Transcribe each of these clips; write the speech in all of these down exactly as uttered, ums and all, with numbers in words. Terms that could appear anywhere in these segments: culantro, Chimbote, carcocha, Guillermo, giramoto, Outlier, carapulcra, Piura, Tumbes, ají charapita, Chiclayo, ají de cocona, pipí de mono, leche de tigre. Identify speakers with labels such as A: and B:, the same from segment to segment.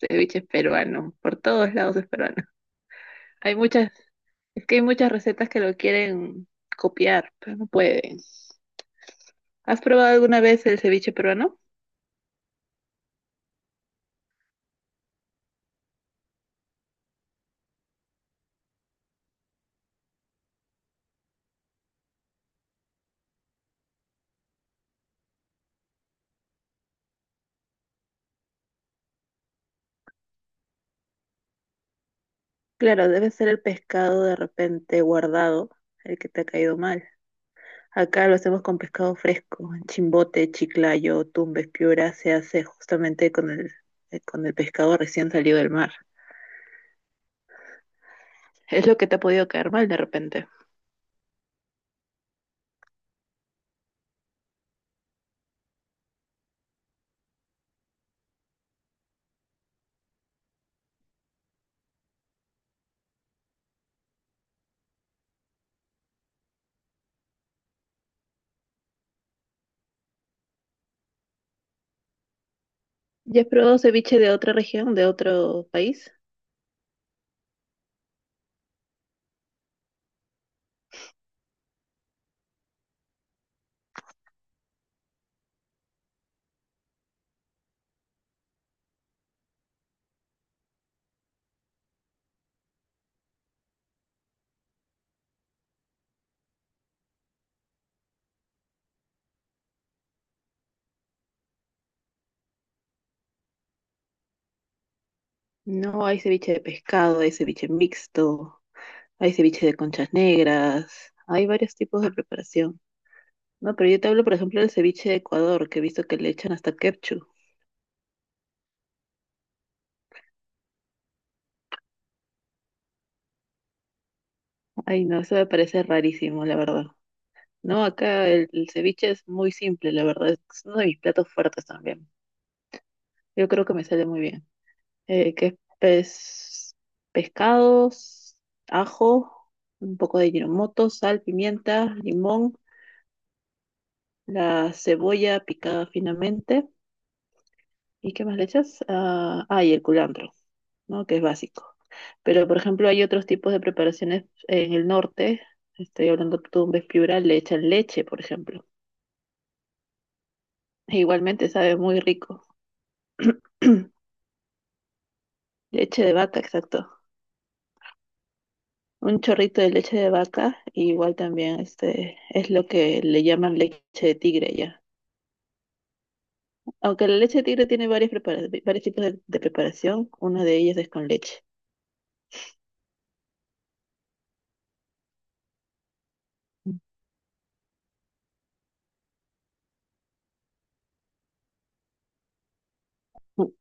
A: Ceviche es peruano, por todos lados es peruano. Hay muchas, es que hay muchas recetas que lo quieren copiar, pero no pueden. ¿Has probado alguna vez el ceviche peruano? Claro, debe ser el pescado de repente guardado, el que te ha caído mal. Acá lo hacemos con pescado fresco, en Chimbote, Chiclayo, Tumbes, Piura, se hace justamente con el, eh, con el pescado recién salido del mar. Es lo que te ha podido caer mal de repente. ¿Ya has probado ceviche de otra región, de otro país? No, hay ceviche de pescado, hay ceviche mixto, hay ceviche de conchas negras, hay varios tipos de preparación. No, pero yo te hablo, por ejemplo, del ceviche de Ecuador, que he visto que le echan hasta ketchup. Ay, no, eso me parece rarísimo, la verdad. No, acá el, el ceviche es muy simple, la verdad. Es uno de mis platos fuertes también. Yo creo que me sale muy bien. Eh, que es pes- pescados, ajo, un poco de giramoto, sal, pimienta, limón, la cebolla picada finamente. ¿Y qué más le echas? Ah, ah, y el culantro, ¿no? Que es básico. Pero, por ejemplo, hay otros tipos de preparaciones en el norte. Estoy hablando de Tumbes, Piura, le echan leche, por ejemplo. E igualmente sabe muy rico. Leche de vaca, exacto. Un chorrito de leche de vaca, y igual también este, es lo que le llaman leche de tigre ya. Aunque la leche de tigre tiene varias prepara- varios tipos de, de preparación, una de ellas es con leche. Ujú.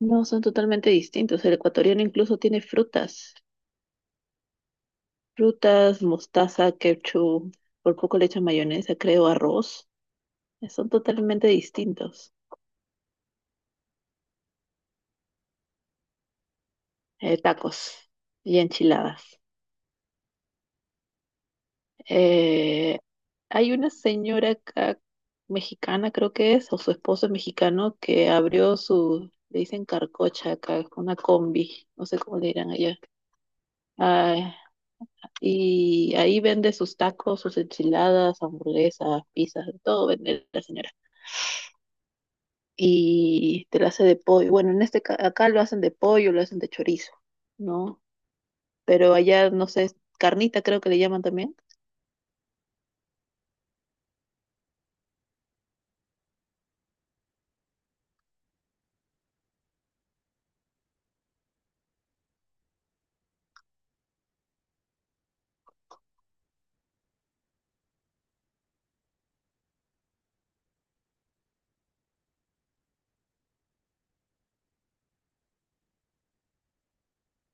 A: No, son totalmente distintos. El ecuatoriano incluso tiene frutas. Frutas, mostaza, ketchup, por poco le echan mayonesa, creo, arroz. Eh, Son totalmente distintos. Eh, tacos y enchiladas. Eh, Hay una señora acá, mexicana, creo que es, o su esposo es mexicano, que abrió su, le dicen carcocha acá, una combi, no sé cómo le dirán allá. Ah, y ahí vende sus tacos, sus enchiladas, hamburguesas, pizzas, todo vende la señora. Y te la hace de pollo. Bueno, en este ca- acá lo hacen de pollo, lo hacen de chorizo, ¿no? Pero allá, no sé, es carnita creo que le llaman también.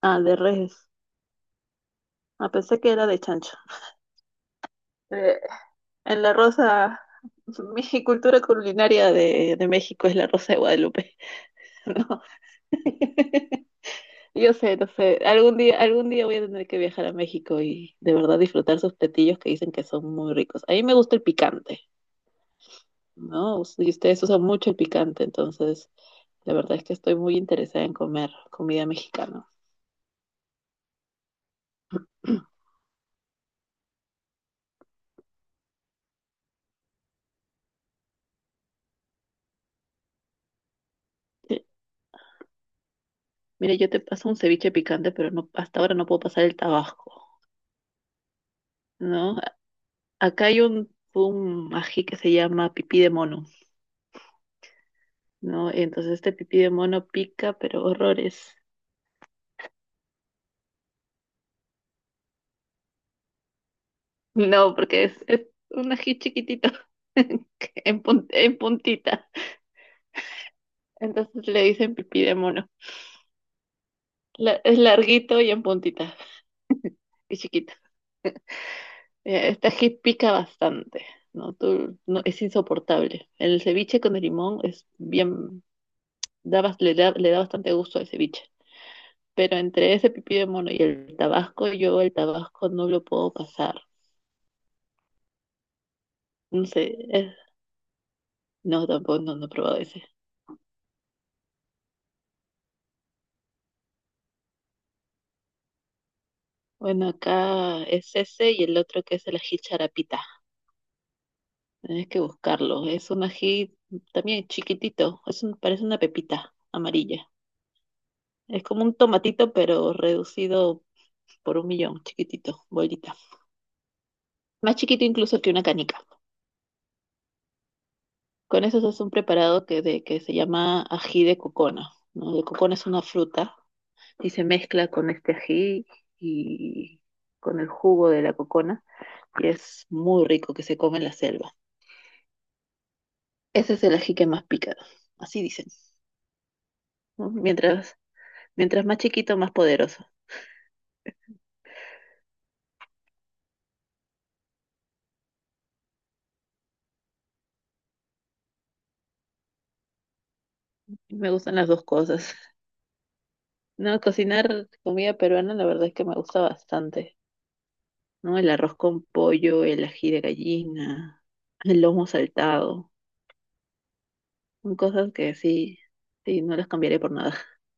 A: Ah, de res. Ah, pensé que era de chancho. Eh, en la rosa, mi cultura culinaria de, de México es la rosa de Guadalupe, ¿no? Yo sé, no sé. Algún día, algún día voy a tener que viajar a México y de verdad disfrutar sus platillos que dicen que son muy ricos. A mí me gusta el picante, ¿no? Us- Y ustedes usan mucho el picante, entonces la verdad es que estoy muy interesada en comer comida mexicana. Mire, yo te paso un ceviche picante, pero no, hasta ahora no puedo pasar el tabasco, ¿no? Acá hay un, un ají que se llama pipí de mono, ¿no? Entonces este pipí de mono pica, pero horrores. No, porque es, es un ají chiquitito, en, pun- en puntita. Entonces le dicen pipí de mono. La- es larguito y en puntita, y chiquito. Mira, esta que pica bastante, ¿no? Tú- no, es insoportable. El ceviche con el limón es bien, da bas- le da, le da bastante gusto al ceviche. Pero entre ese pipí de mono y el tabasco, yo el tabasco no lo puedo pasar. No sé, es- no, tampoco, no, no he probado ese. Bueno, acá es ese y el otro que es el ají charapita. Tienes que buscarlo. Es un ají también chiquitito, es un, parece una pepita amarilla. Es como un tomatito, pero reducido por un millón, chiquitito, bolita. Más chiquito incluso que una canica. Con eso se hace un preparado que, de, que se llama ají de cocona. ¿No? El cocona es una fruta y se mezcla con este ají y con el jugo de la cocona y es muy rico que se come en la selva. Ese es el ají que más pica, así dicen. ¿No? Mientras, mientras más chiquito, más poderoso. Me gustan las dos cosas. No, cocinar comida peruana la verdad es que me gusta bastante. ¿No? El arroz con pollo, el ají de gallina, el lomo saltado, son cosas que sí, sí, no las cambiaré por nada.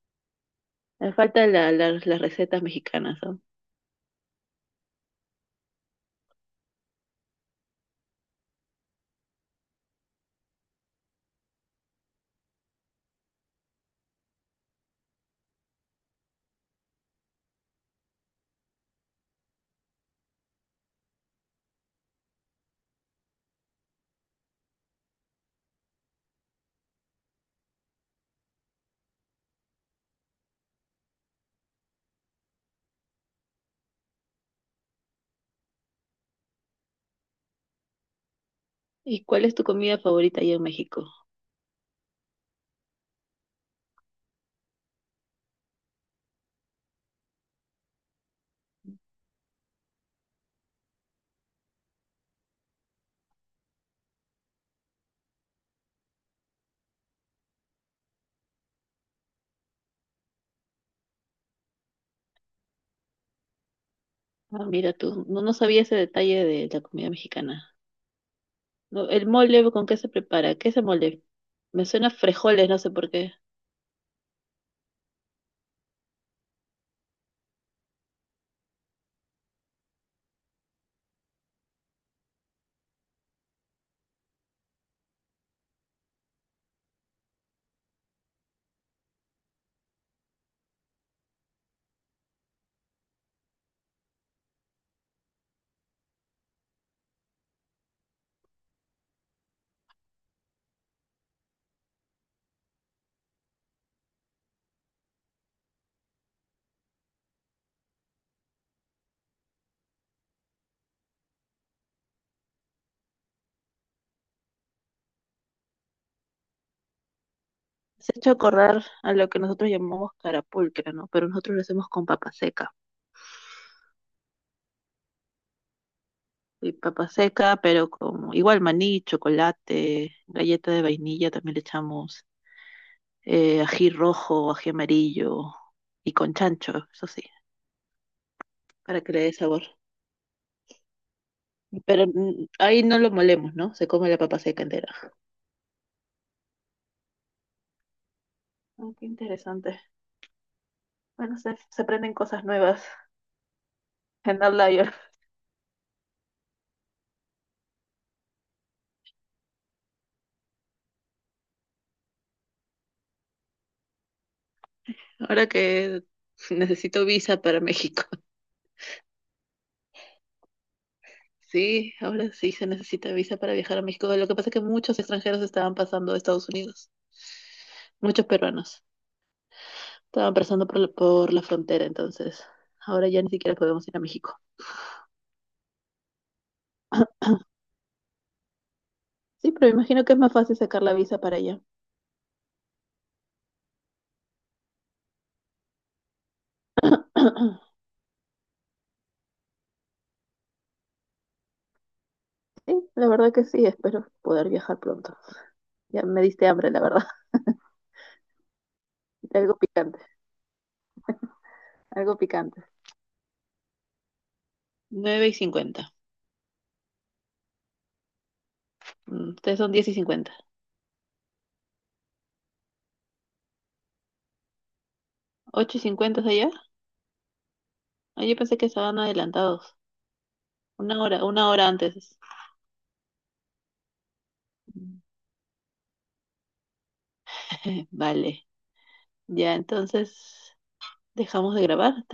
A: Me faltan la- la- las recetas mexicanas, ¿no? ¿Y cuál es tu comida favorita allá en México? Ah, mira tú, no, no sabía ese detalle de la comida mexicana. No, el mole, ¿con qué se prepara? ¿Qué es el mole? Me suena a frijoles, no sé por qué. Se ha hecho acordar a lo que nosotros llamamos carapulcra, ¿no? Pero nosotros lo hacemos con papa seca. Y papa seca, pero como igual maní, chocolate, galleta de vainilla, también le echamos eh, ají rojo, ají amarillo y con chancho, eso sí, para que le dé sabor. Pero mm, ahí no lo molemos, ¿no? Se come la papa seca entera. Ah, qué interesante. Bueno, se, se aprenden cosas nuevas en Outlier. Ahora que necesito visa para México. Sí, ahora sí se necesita visa para viajar a México. Lo que pasa es que muchos extranjeros estaban pasando a Estados Unidos, muchos peruanos. Estaban pasando por la, por la frontera, entonces ahora ya ni siquiera podemos ir a México. Sí, pero imagino que es más fácil sacar la visa para allá. Sí, la verdad que sí, espero poder viajar pronto. Ya me diste hambre, la verdad. Algo picante, algo picante. Nueve y cincuenta. Mm, Ustedes son diez y cincuenta. ¿Ocho y cincuenta es allá? Ah, yo pensé que estaban adelantados. Una hora, una hora antes. Mm, vale. Ya, entonces dejamos de grabar.